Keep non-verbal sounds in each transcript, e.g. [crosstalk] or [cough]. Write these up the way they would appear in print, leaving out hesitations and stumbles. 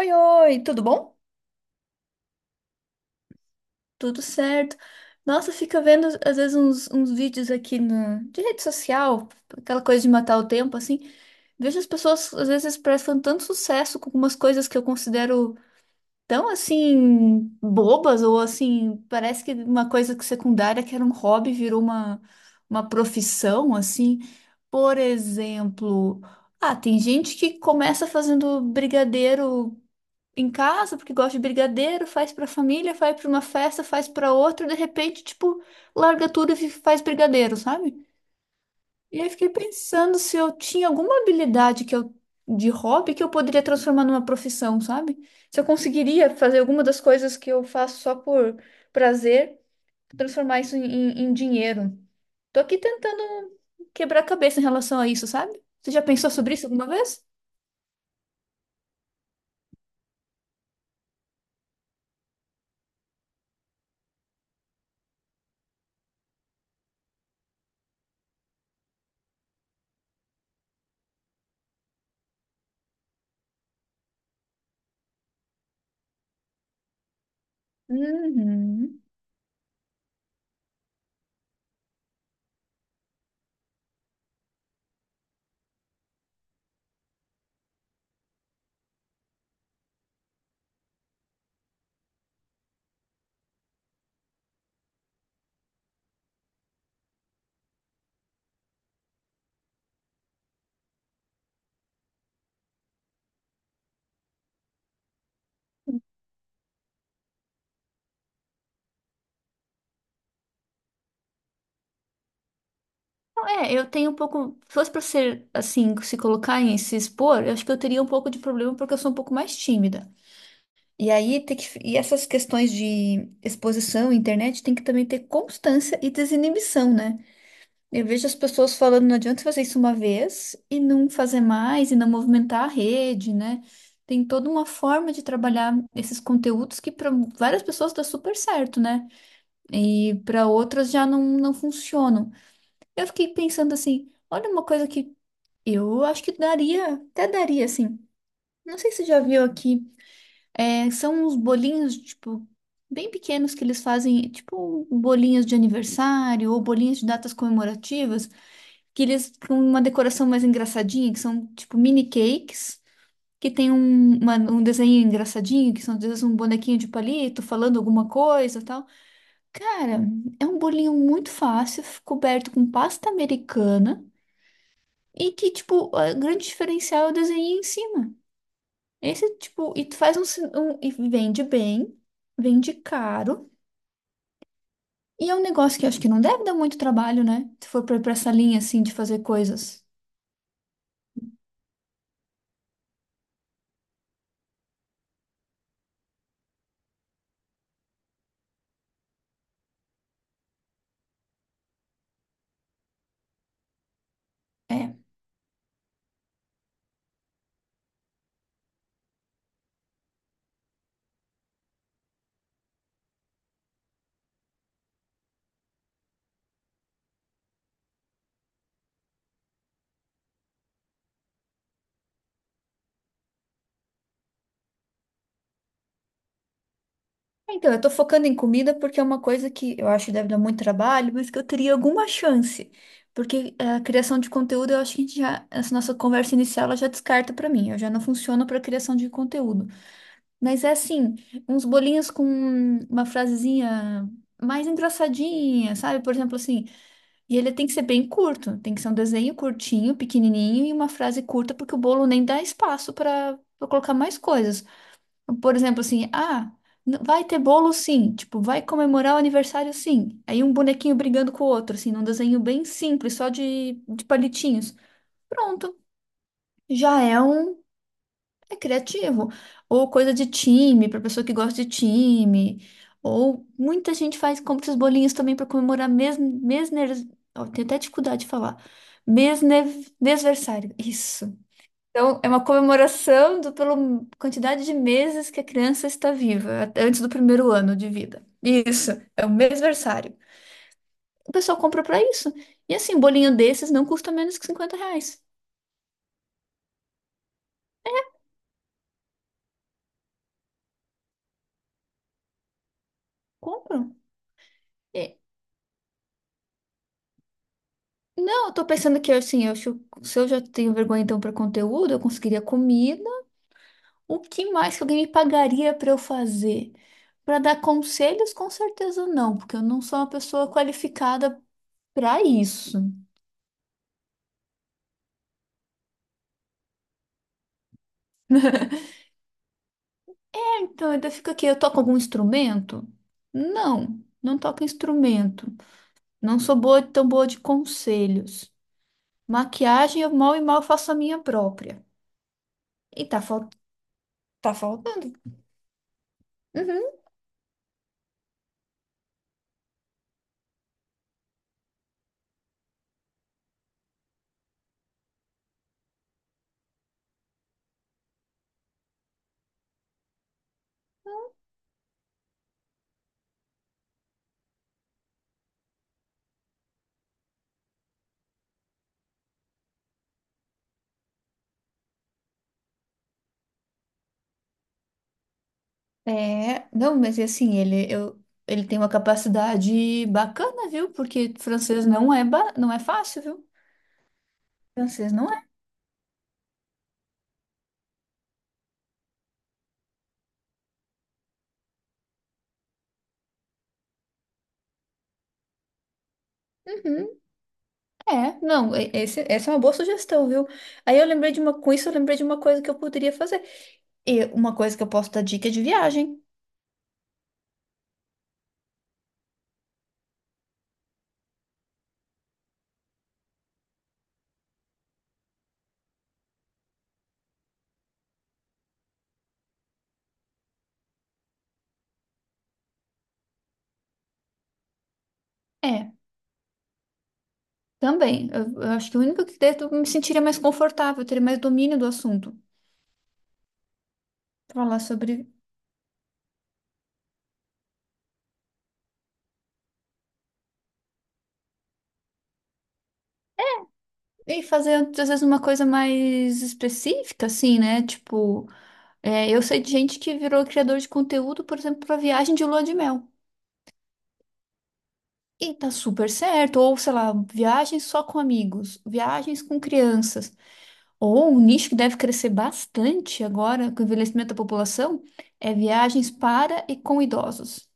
Oi, oi, tudo bom? Tudo certo. Nossa, fica vendo às vezes uns vídeos aqui no, de rede social, aquela coisa de matar o tempo, assim. Vejo as pessoas às vezes prestam tanto sucesso com algumas coisas que eu considero tão assim bobas, ou assim, parece que uma coisa que secundária que era um hobby virou uma profissão, assim. Por exemplo, ah, tem gente que começa fazendo brigadeiro em casa, porque gosta de brigadeiro, faz pra família, faz pra uma festa, faz pra outra, de repente, tipo, larga tudo e faz brigadeiro, sabe? E aí fiquei pensando se eu tinha alguma habilidade que eu de hobby que eu poderia transformar numa profissão, sabe? Se eu conseguiria fazer alguma das coisas que eu faço só por prazer, transformar isso em dinheiro. Tô aqui tentando quebrar a cabeça em relação a isso, sabe? Você já pensou sobre isso alguma vez? Uhum. É, eu tenho um pouco. Se fosse pra ser assim, se colocar em se expor, eu acho que eu teria um pouco de problema porque eu sou um pouco mais tímida. E aí e essas questões de exposição, internet, tem que também ter constância e desinibição, né? Eu vejo as pessoas falando, não adianta fazer isso uma vez e não fazer mais e não movimentar a rede, né? Tem toda uma forma de trabalhar esses conteúdos que para várias pessoas dá super certo, né? E para outras já não, não funcionam. Eu fiquei pensando assim, olha uma coisa que eu acho que daria, até daria, assim. Não sei se você já viu aqui. É, são uns bolinhos, tipo, bem pequenos que eles fazem, tipo, bolinhas de aniversário ou bolinhas de datas comemorativas, que eles com uma decoração mais engraçadinha, que são, tipo, mini cakes, que tem um desenho engraçadinho, que são, às vezes, um bonequinho de palito falando alguma coisa e tal. Cara, é um bolinho muito fácil, coberto com pasta americana. E que, tipo, o grande diferencial é o desenho em cima. Esse tipo, e tu faz um, e vende bem, vende caro, e é um negócio que eu acho que não deve dar muito trabalho, né? Se for pra essa linha assim de fazer coisas. É. Então, eu tô focando em comida porque é uma coisa que eu acho que deve dar muito trabalho, mas que eu teria alguma chance. Porque a criação de conteúdo, eu acho que a gente já, essa nossa conversa inicial, ela já descarta pra mim. Eu já não funciono pra criação de conteúdo. Mas é assim, uns bolinhos com uma frasezinha mais engraçadinha, sabe? Por exemplo, assim, e ele tem que ser bem curto, tem que ser um desenho curtinho, pequenininho e uma frase curta, porque o bolo nem dá espaço para colocar mais coisas. Por exemplo, assim, ah, vai ter bolo sim, tipo, vai comemorar o aniversário sim. Aí um bonequinho brigando com o outro, assim, num desenho bem simples, só de palitinhos. Pronto, já é é criativo. Ou coisa de time, para pessoa que gosta de time. Ou muita gente faz, compra esses bolinhos também para comemorar ó, tenho até dificuldade de falar. Mesne, mesversário. Isso. Então, é uma comemoração pela quantidade de meses que a criança está viva, até antes do primeiro ano de vida. Isso, é o mesversário. O pessoal compra para isso. E assim, um bolinho desses não custa menos que R$ 50. Compram. Não, eu tô pensando que assim, se eu já tenho vergonha então para conteúdo, eu conseguiria comida. O que mais que alguém me pagaria para eu fazer? Para dar conselhos, com certeza não, porque eu não sou uma pessoa qualificada para isso. [laughs] Então, ainda fica aqui, eu toco algum instrumento? Não, não toco instrumento. Não sou boa, tão boa de conselhos. Maquiagem, eu mal e mal faço a minha própria. E tá, tá faltando. Uhum. É, não, mas e assim, ele tem uma capacidade bacana, viu? Porque francês não é, não é fácil, viu? Francês não é. Uhum, é, não, essa é uma boa sugestão, viu? Aí eu lembrei de uma, com isso eu lembrei de uma coisa que eu poderia fazer. E uma coisa que eu posso dar dica é de viagem. É, também. Eu acho que o único que daí eu me sentiria mais confortável, eu teria mais domínio do assunto. Falar sobre. E fazer, às vezes, uma coisa mais específica, assim, né? Tipo. É, eu sei de gente que virou criador de conteúdo, por exemplo, para viagem de lua de mel. E tá super certo. Ou, sei lá, viagens só com amigos, viagens com crianças. Ou um nicho que deve crescer bastante agora com o envelhecimento da população é viagens para e com idosos.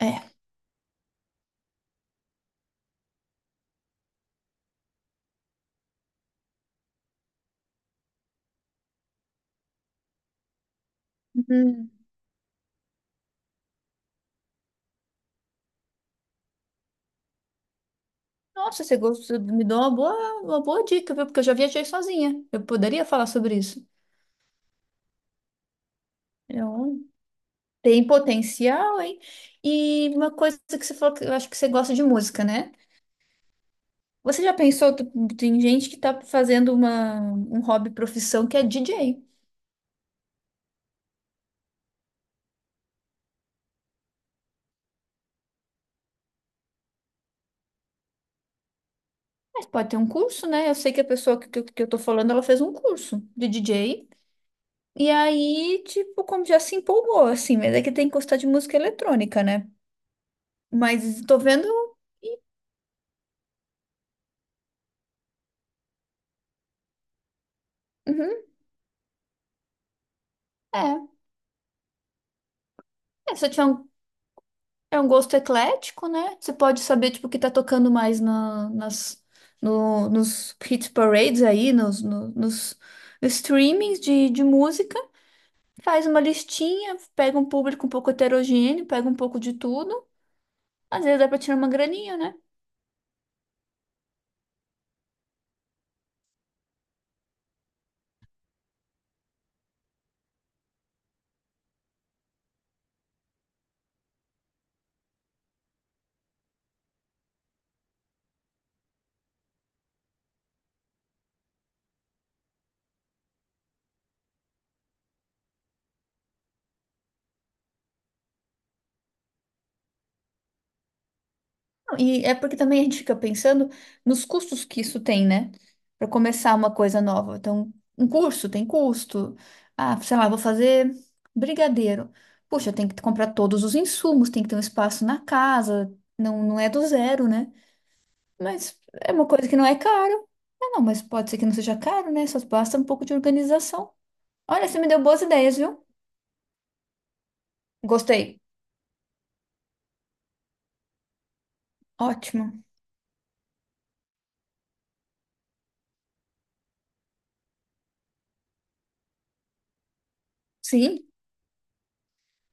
É. Hum. Nossa, você gostou, me deu uma boa dica, viu? Porque eu já viajei sozinha. Eu poderia falar sobre isso. Então, tem potencial, hein? E uma coisa que você falou que eu acho que você gosta de música, né? Você já pensou, tem gente que tá fazendo uma, hobby profissão que é DJ. Mas pode ter um curso, né? Eu sei que a pessoa que eu tô falando, ela fez um curso de DJ. E aí, tipo, como já se empolgou, assim, mas é que tem que gostar de música eletrônica, né? Mas tô vendo. Uhum, é. É, você tiver é um gosto eclético, né? Você pode saber, tipo, o que tá tocando mais na, nas, no, nos hit parades aí, nos, no- nos, nos streamings de música. Faz uma listinha, pega um público um pouco heterogêneo, pega um pouco de tudo. Às vezes dá pra tirar uma graninha, né? E é porque também a gente fica pensando nos custos que isso tem, né? Para começar uma coisa nova. Então, um curso tem custo. Ah, sei lá, vou fazer brigadeiro. Puxa, tem que comprar todos os insumos, tem que ter um espaço na casa. Não, não é do zero, né? Mas é uma coisa que não é caro. Ah, não, mas pode ser que não seja caro, né? Só basta um pouco de organização. Olha, você me deu boas ideias, viu? Gostei. Ótimo. Sim,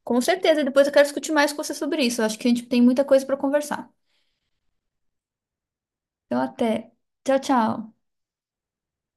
com certeza. E depois eu quero discutir mais com você sobre isso. Eu acho que a gente tem muita coisa para conversar. Então, até. Tchau, tchau.